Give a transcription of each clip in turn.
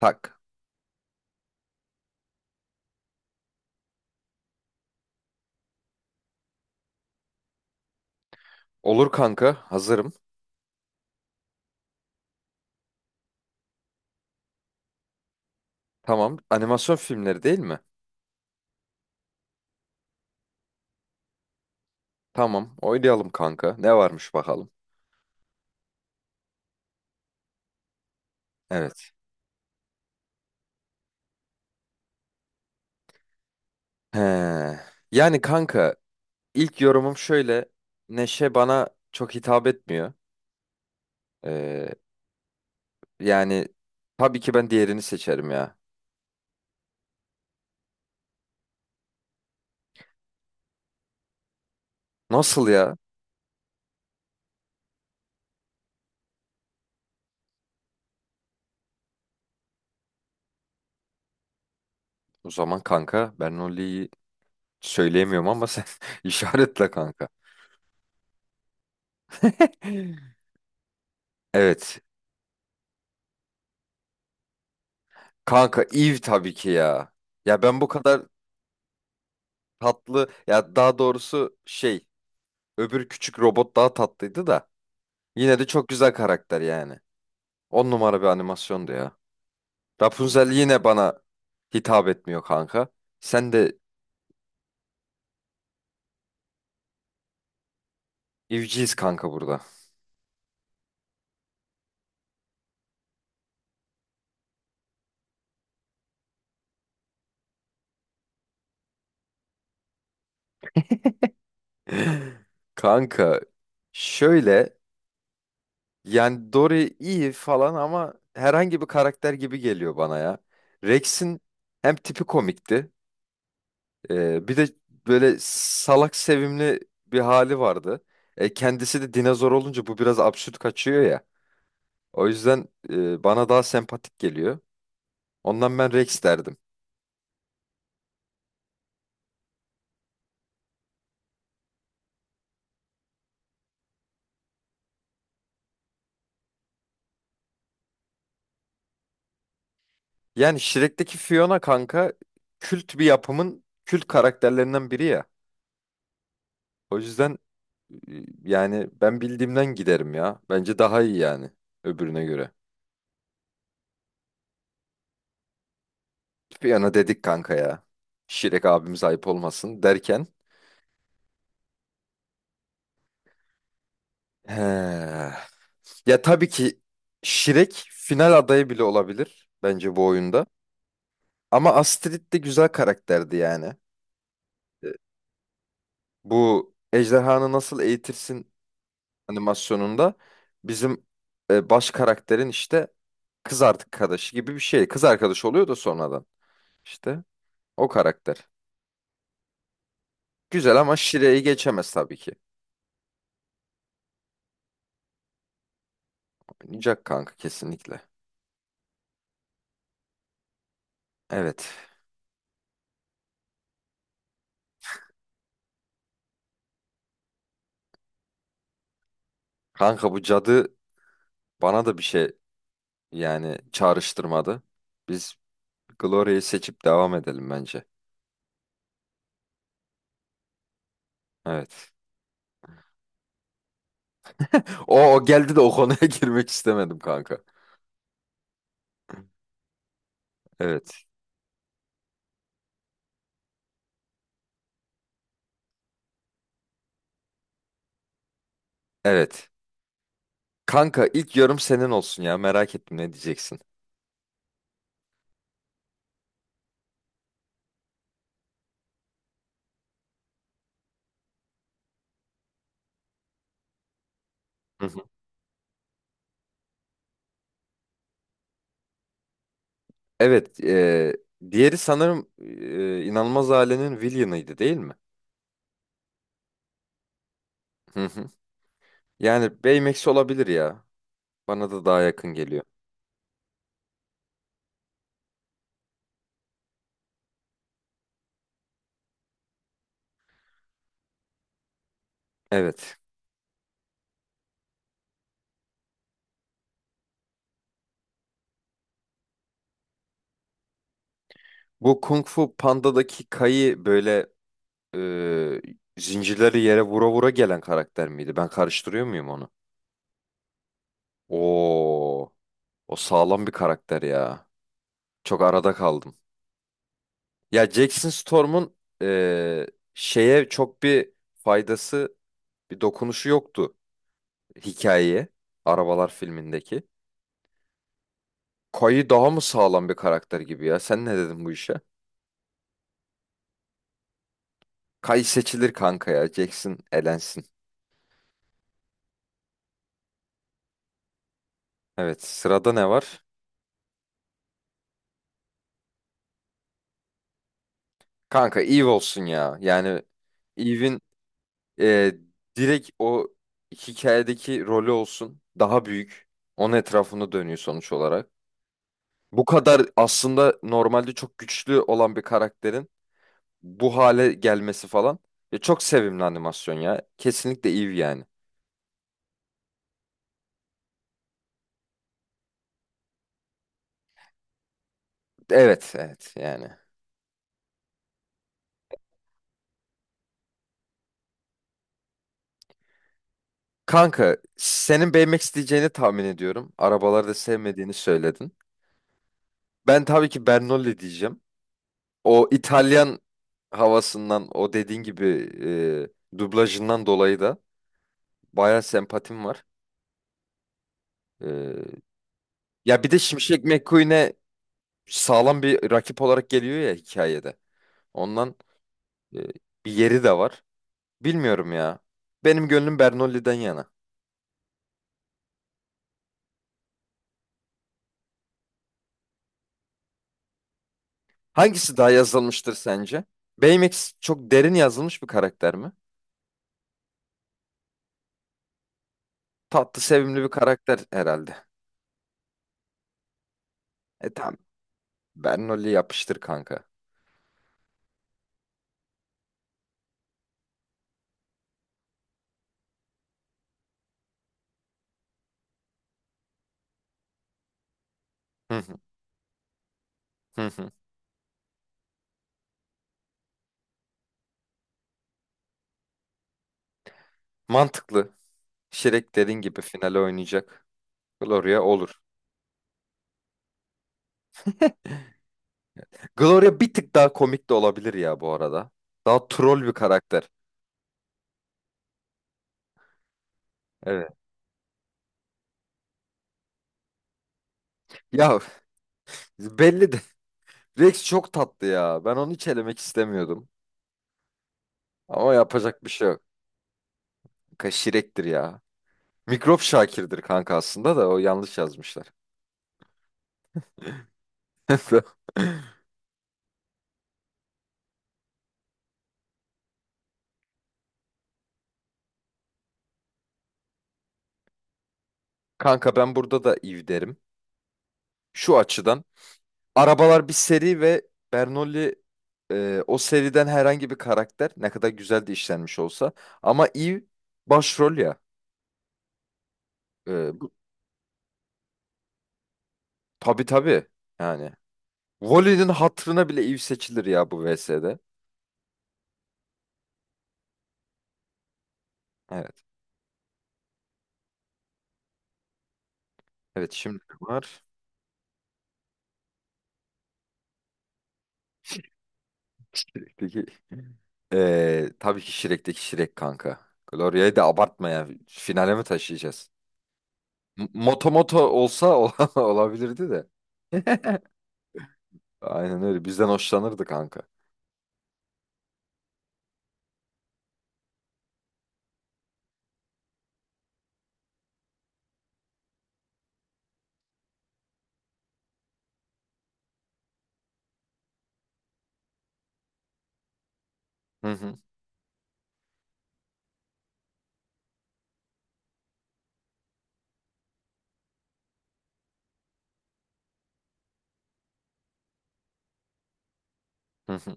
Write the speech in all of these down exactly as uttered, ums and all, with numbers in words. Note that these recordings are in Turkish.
Tak. Olur kanka, hazırım. Tamam. Animasyon filmleri değil mi? Tamam, oynayalım kanka. Ne varmış bakalım. Evet. He. Yani kanka, ilk yorumum şöyle. Neşe bana çok hitap etmiyor. Ee, Yani tabii ki ben diğerini seçerim ya. Nasıl ya? O zaman kanka, ben Nolly'yi söyleyemiyorum ama sen işaretle kanka. Evet. Kanka Eve tabii ki ya. Ya ben bu kadar tatlı ya, daha doğrusu şey. Öbür küçük robot daha tatlıydı da. Yine de çok güzel karakter yani. On numara bir animasyondu ya. Rapunzel yine bana hitap etmiyor kanka. Sen de evciyiz kanka burada. Kanka şöyle, yani Dory iyi falan ama herhangi bir karakter gibi geliyor bana ya. Rex'in hem tipi komikti, e, bir de böyle salak sevimli bir hali vardı. E, kendisi de dinozor olunca bu biraz absürt kaçıyor ya. O yüzden e, bana daha sempatik geliyor. Ondan ben Rex derdim. Yani Shrek'teki Fiona kanka kült bir yapımın kült karakterlerinden biri ya. O yüzden e, yani ben bildiğimden giderim ya. Bence daha iyi yani öbürüne göre. Fiona dedik kanka ya. Shrek abimiz ayıp olmasın derken. He. Ya tabii ki Shrek final adayı bile olabilir bence bu oyunda. Ama Astrid de güzel karakterdi yani. E, Bu ejderhanı nasıl eğitirsin animasyonunda bizim e, baş karakterin işte kız arkadaşı gibi bir şey. Kız arkadaşı oluyor da sonradan. İşte o karakter. Güzel ama Şire'yi geçemez tabii ki. Oynayacak kanka, kesinlikle. Evet. Kanka bu cadı bana da bir şey, yani çağrıştırmadı. Biz Gloria'yı seçip devam edelim bence. Evet. O, o geldi de o konuya girmek istemedim kanka. Evet. Evet. Kanka ilk yorum senin olsun ya, merak ettim ne diyeceksin. Hı hı. Evet, e, diğeri sanırım e, İnanılmaz Ailenin Villain'ıydı değil mi? Hı hı. Yani Baymax olabilir ya. Bana da daha yakın geliyor. Evet. Bu Kung Fu Panda'daki Kai'yi böyle, e, zincirleri yere vura vura gelen karakter miydi? Ben karıştırıyor muyum onu? Oo, o sağlam bir karakter ya. Çok arada kaldım. Ya Jackson Storm'un e, şeye çok bir faydası, bir dokunuşu yoktu hikayeye. Arabalar filmindeki. Kay'ı daha mı sağlam bir karakter gibi ya? Sen ne dedin bu işe? Kay seçilir kanka ya. Jackson elensin. Evet, sırada ne var? Kanka Eve olsun ya. Yani Eve'in e, direkt o hikayedeki rolü olsun. Daha büyük. Onun etrafında dönüyor sonuç olarak. Bu kadar aslında normalde çok güçlü olan bir karakterin bu hale gelmesi falan. Ya çok sevimli animasyon ya. Kesinlikle Eve yani. Evet, evet yani. Kanka, senin beğenmek isteyeceğini tahmin ediyorum. Arabaları da sevmediğini söyledin. Ben tabii ki Bernoulli diyeceğim. O İtalyan havasından, o dediğin gibi e, dublajından dolayı da bayağı sempatim var. E, Ya bir de Şimşek McQueen'e sağlam bir rakip olarak geliyor ya hikayede. Ondan e, bir yeri de var. Bilmiyorum ya. Benim gönlüm Bernolli'den yana. Hangisi daha yazılmıştır sence? Baymax çok derin yazılmış bir karakter mi? Tatlı, sevimli bir karakter herhalde. E tamam. Bernoulli yapıştır kanka. Hı hı, hı hı. Mantıklı. Shrek dediğin gibi finale oynayacak. Gloria olur. Gloria bir tık daha komik de olabilir ya bu arada. Daha troll bir karakter. Evet. Ya belli de. Rex çok tatlı ya. Ben onu hiç elemek istemiyordum. Ama yapacak bir şey yok. Kanka Shrek'tir ya. Mikrop Şakir'dir kanka aslında, da o yanlış yazmışlar. Kanka ben burada da Eve derim. Şu açıdan. Arabalar bir seri ve Bernoulli, e, o seriden herhangi bir karakter ne kadar güzel de işlenmiş olsa. Ama Eve başrol ya. E, bu, tabii tabii yani. Wally'nin hatırına bile Eve seçilir ya bu V S'de. Evet. Evet şimdi var. Peki. E tabii ki Shrek'teki Shrek kanka. Gloria'yı da abartma ya. Finale mi taşıyacağız? M- Moto Moto olsa olabilirdi de. Aynen öyle. Bizden hoşlanırdı kanka. Hı hı. Hı hı.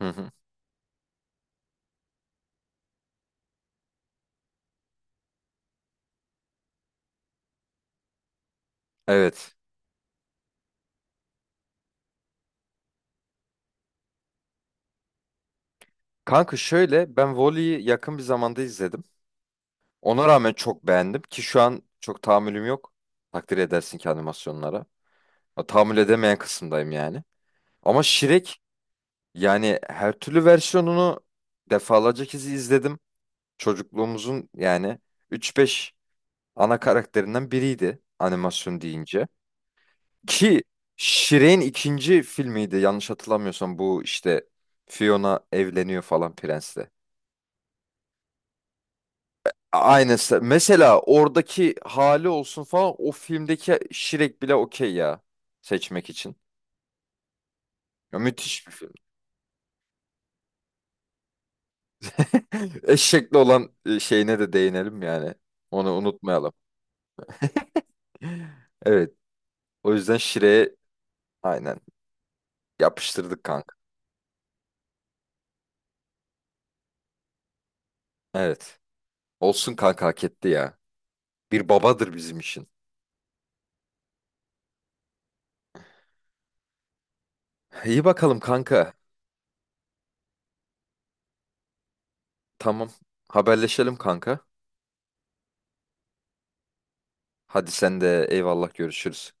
Hı hı. Evet. Kanka şöyle, ben volleyi yakın bir zamanda izledim. Ona rağmen çok beğendim ki şu an çok tahammülüm yok. Takdir edersin ki animasyonlara. Ya, tahammül edemeyen kısımdayım yani. Ama Şirek yani, her türlü versiyonunu defalarca kez izledim. Çocukluğumuzun yani üç beş ana karakterinden biriydi animasyon deyince. Ki Shrek'in ikinci filmiydi yanlış hatırlamıyorsam, bu işte Fiona evleniyor falan prensle. Aynısı. Mesela oradaki hali olsun falan, o filmdeki şirek bile okey ya seçmek için. Ya müthiş bir film. Eşekli olan e, şeyine de değinelim yani. Onu unutmayalım. Evet. O yüzden Shrek'e aynen yapıştırdık kanka. Evet. Olsun kanka, hak etti ya. Bir babadır bizim için. İyi bakalım kanka. Tamam. Haberleşelim kanka. Hadi sen de eyvallah, görüşürüz.